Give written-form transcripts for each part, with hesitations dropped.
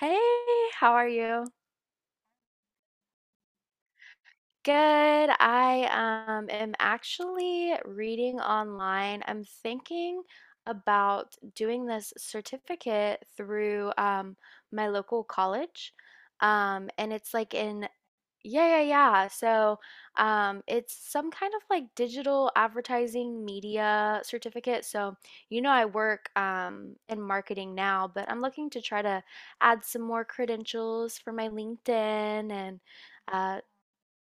Hey, how are you? Good. I am actually reading online. I'm thinking about doing this certificate through my local college. And it's like in. Yeah, yeah, yeah. So, it's some kind of like digital advertising media certificate. So, I work in marketing now, but I'm looking to try to add some more credentials for my LinkedIn and uh,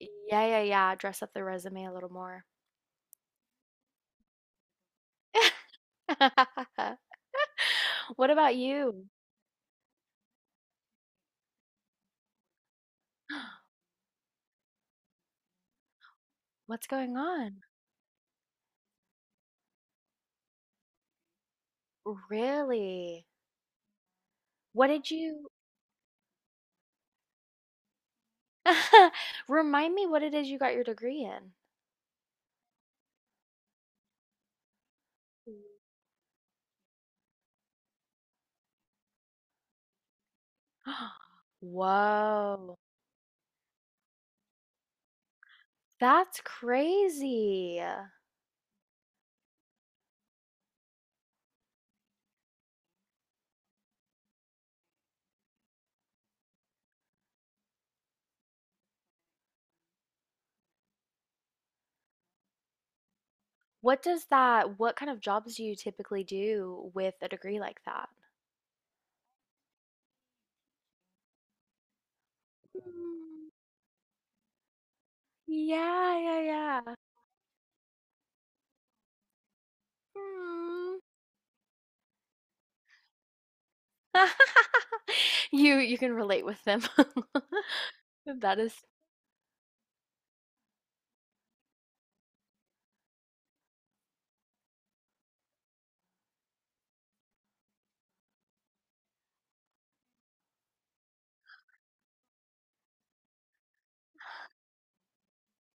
yeah, yeah, yeah, dress up the resume a little more. What about you? What's going on? Really? What did you Remind me what it is you got your degree in? Whoa, that's crazy. What kind of jobs do you typically do with a degree like that? Mm. Yeah, yeah, yeah. Hmm. You can relate with them. That is,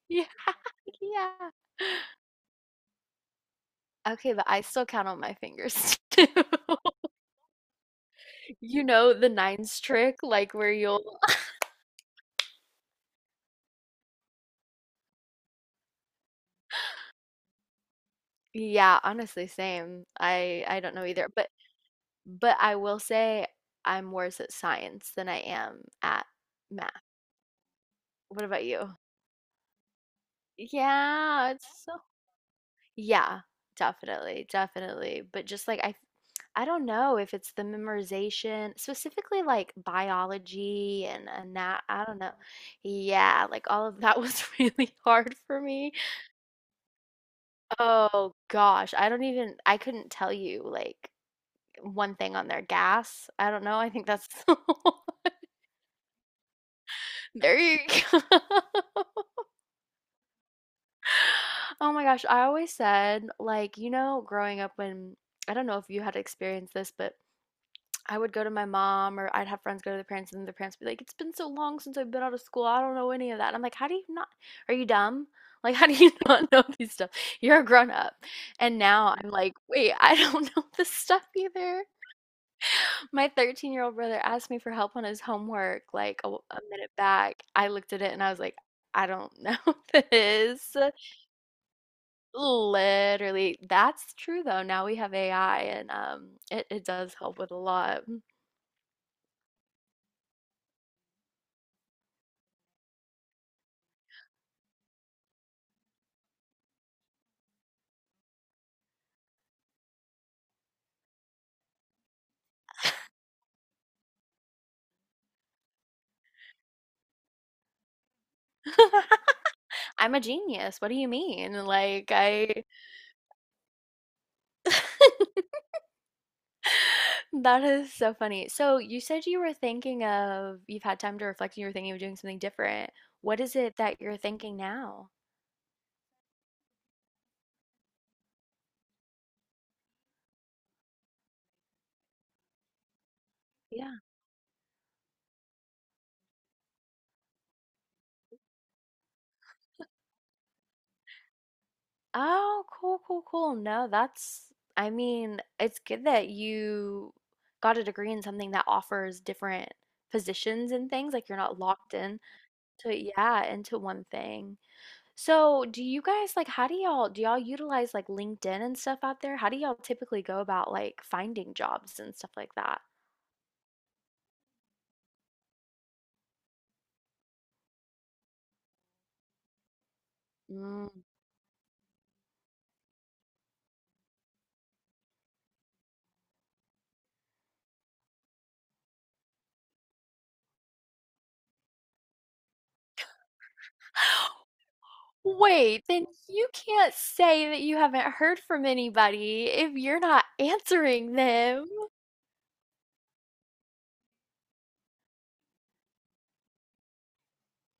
yeah, yeah. Okay, but I still count on my fingers too. You know the nines trick, like where you'll. Yeah, honestly, same. I don't know either, but I will say I'm worse at science than I am at math. What about you? Yeah, it's so. Yeah, definitely, definitely. But just like I don't know if it's the memorization, specifically like biology and that I don't know. Yeah, like all of that was really hard for me. Oh gosh, I don't even I couldn't tell you like one thing on their gas. I don't know. I think that's. There you go. Oh my gosh, I always said, like, growing up when I don't know if you had experienced this, but I would go to my mom or I'd have friends go to their parents and then their parents would be like, it's been so long since I've been out of school. I don't know any of that. And I'm like, how do you not? Are you dumb? Like, how do you not know these stuff? You're a grown up. And now I'm like, wait, I don't know this stuff either. My 13-year-old brother asked me for help on his homework like a minute back. I looked at it and I was like, I don't know this. Literally, that's true though. Now we have AI and it does help with a lot. I'm a genius. What do you mean? Like I That is so funny. So you said you were thinking of you've had time to reflect and you were thinking of doing something different. What is it that you're thinking now? Yeah. Oh, cool, cool, cool. No, that's, I mean, it's good that you got a degree in something that offers different positions and things, like you're not locked in. So yeah, into one thing. So do you guys like how do y'all utilize like LinkedIn and stuff out there? How do y'all typically go about like finding jobs and stuff like that? Mm. Wait, then you can't say that you haven't heard from anybody if you're not answering them.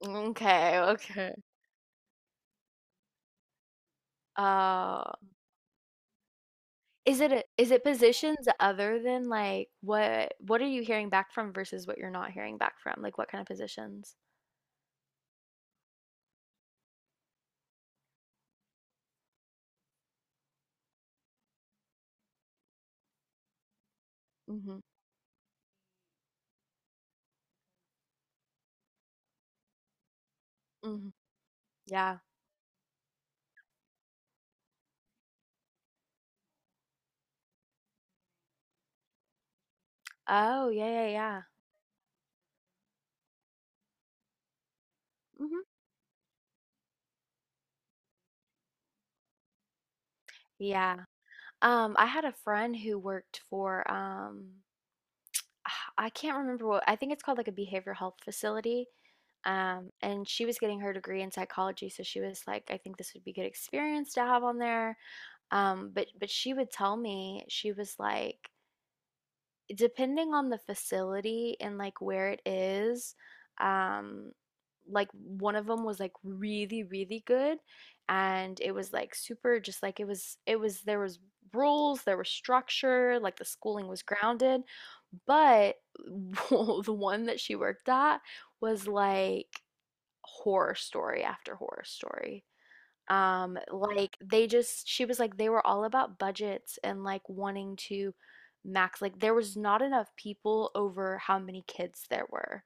Okay, okay. Uh, is it positions other than like what are you hearing back from versus what you're not hearing back from? Like what kind of positions? Hmm. Hmm. Yeah. Oh, yeah, yeah, yeah. Mhm. Yeah. I had a friend who worked for I can't remember what I think it's called, like a behavioral health facility. And she was getting her degree in psychology, so she was like, I think this would be good experience to have on there. But she would tell me, she was like, depending on the facility and like where it is, um, like one of them was like really, really good, and it was like super, just like it was, there was rules, there was structure, like the schooling was grounded, but the one that she worked at was like horror story after horror story. Like they just, she was like, they were all about budgets and like wanting to max, like there was not enough people over how many kids there were.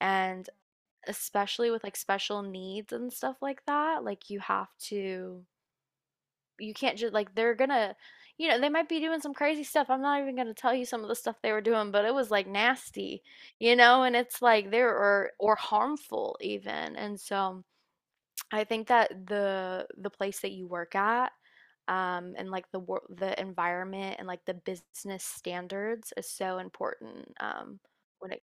And especially with like special needs and stuff like that, like you have to, you can't just like they're gonna, they might be doing some crazy stuff. I'm not even gonna tell you some of the stuff they were doing, but it was like nasty, and it's like there or harmful even. And so I think that the place that you work at, and like the environment and like the business standards is so important. When it.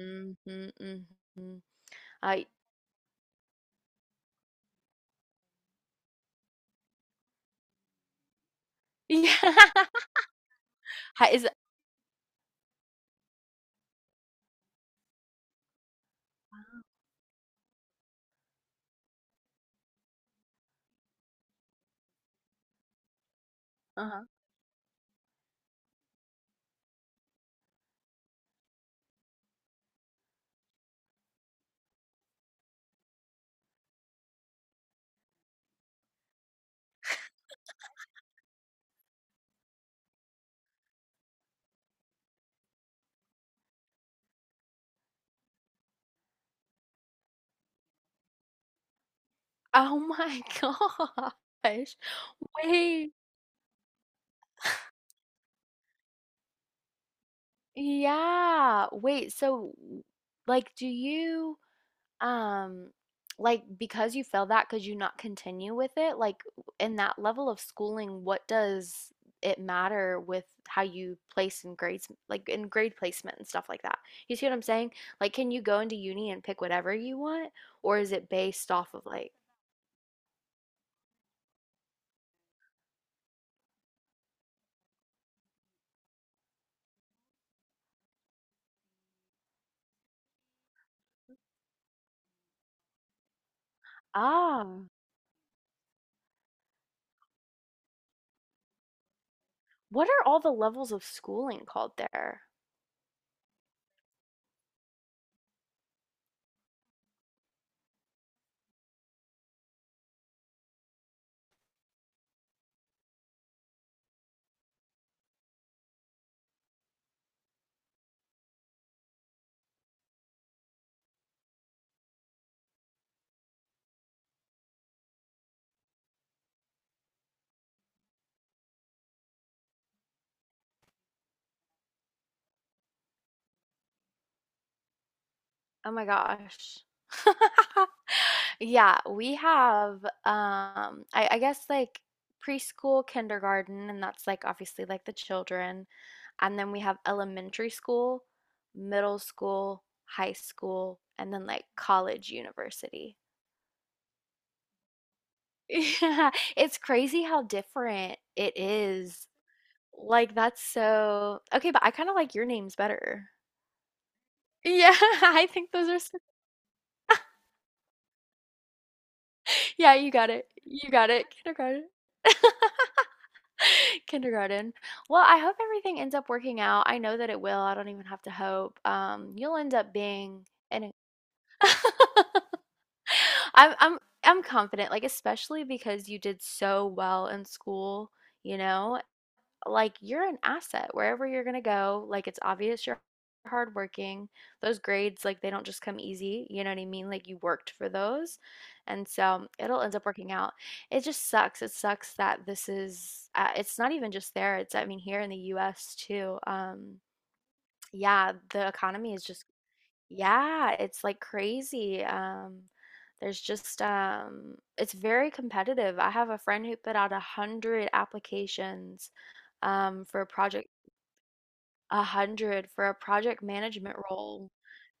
Mm-hmm, mm-hmm. I Yeah. Hi- is Uh-huh. Oh my gosh. Wait, yeah. Wait, so like do you um like because you failed, that could you not continue with it, like, in that level of schooling? What does it matter with how you place in grades, like in grade placement and stuff like that? You see what I'm saying? Like can you go into uni and pick whatever you want? Or is it based off of like ah what are all the levels of schooling called there? Oh my gosh. Yeah, we have I guess like preschool, kindergarten, and that's like obviously like the children. And then we have elementary school, middle school, high school, and then like college, university. Yeah, it's crazy how different it is. Like that's so okay, but I kind of like your names better. Yeah, I think those are so. Yeah, you got it. You got it. Kindergarten. Kindergarten. Well, I hope everything ends up working out. I know that it will. I don't even have to hope. You'll end up being an. I'm I'm I'm confident, like especially because you did so well in school, you know? Like you're an asset wherever you're going to go. Like it's obvious you're hardworking. Those grades, like they don't just come easy. You know what I mean? Like you worked for those. And so it'll end up working out. It just sucks. It sucks that this is, it's not even just there. It's, I mean, here in the US too. Yeah, the economy is just. Yeah, it's like crazy. There's just it's very competitive. I have a friend who put out 100 applications for a project, 100 for a project management role,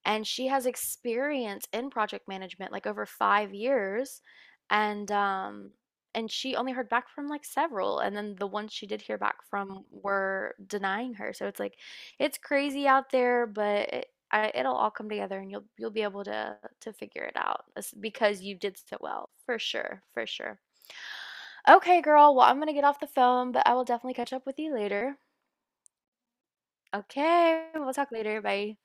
and she has experience in project management like over 5 years, and um and she only heard back from like several, and then the ones she did hear back from were denying her, so it's like it's crazy out there. But it'll all come together, and you'll be able to figure it out. It's because you did so well, for sure, for sure. Okay, girl, well, I'm gonna get off the phone, but I will definitely catch up with you later. Okay, we'll talk later. Bye.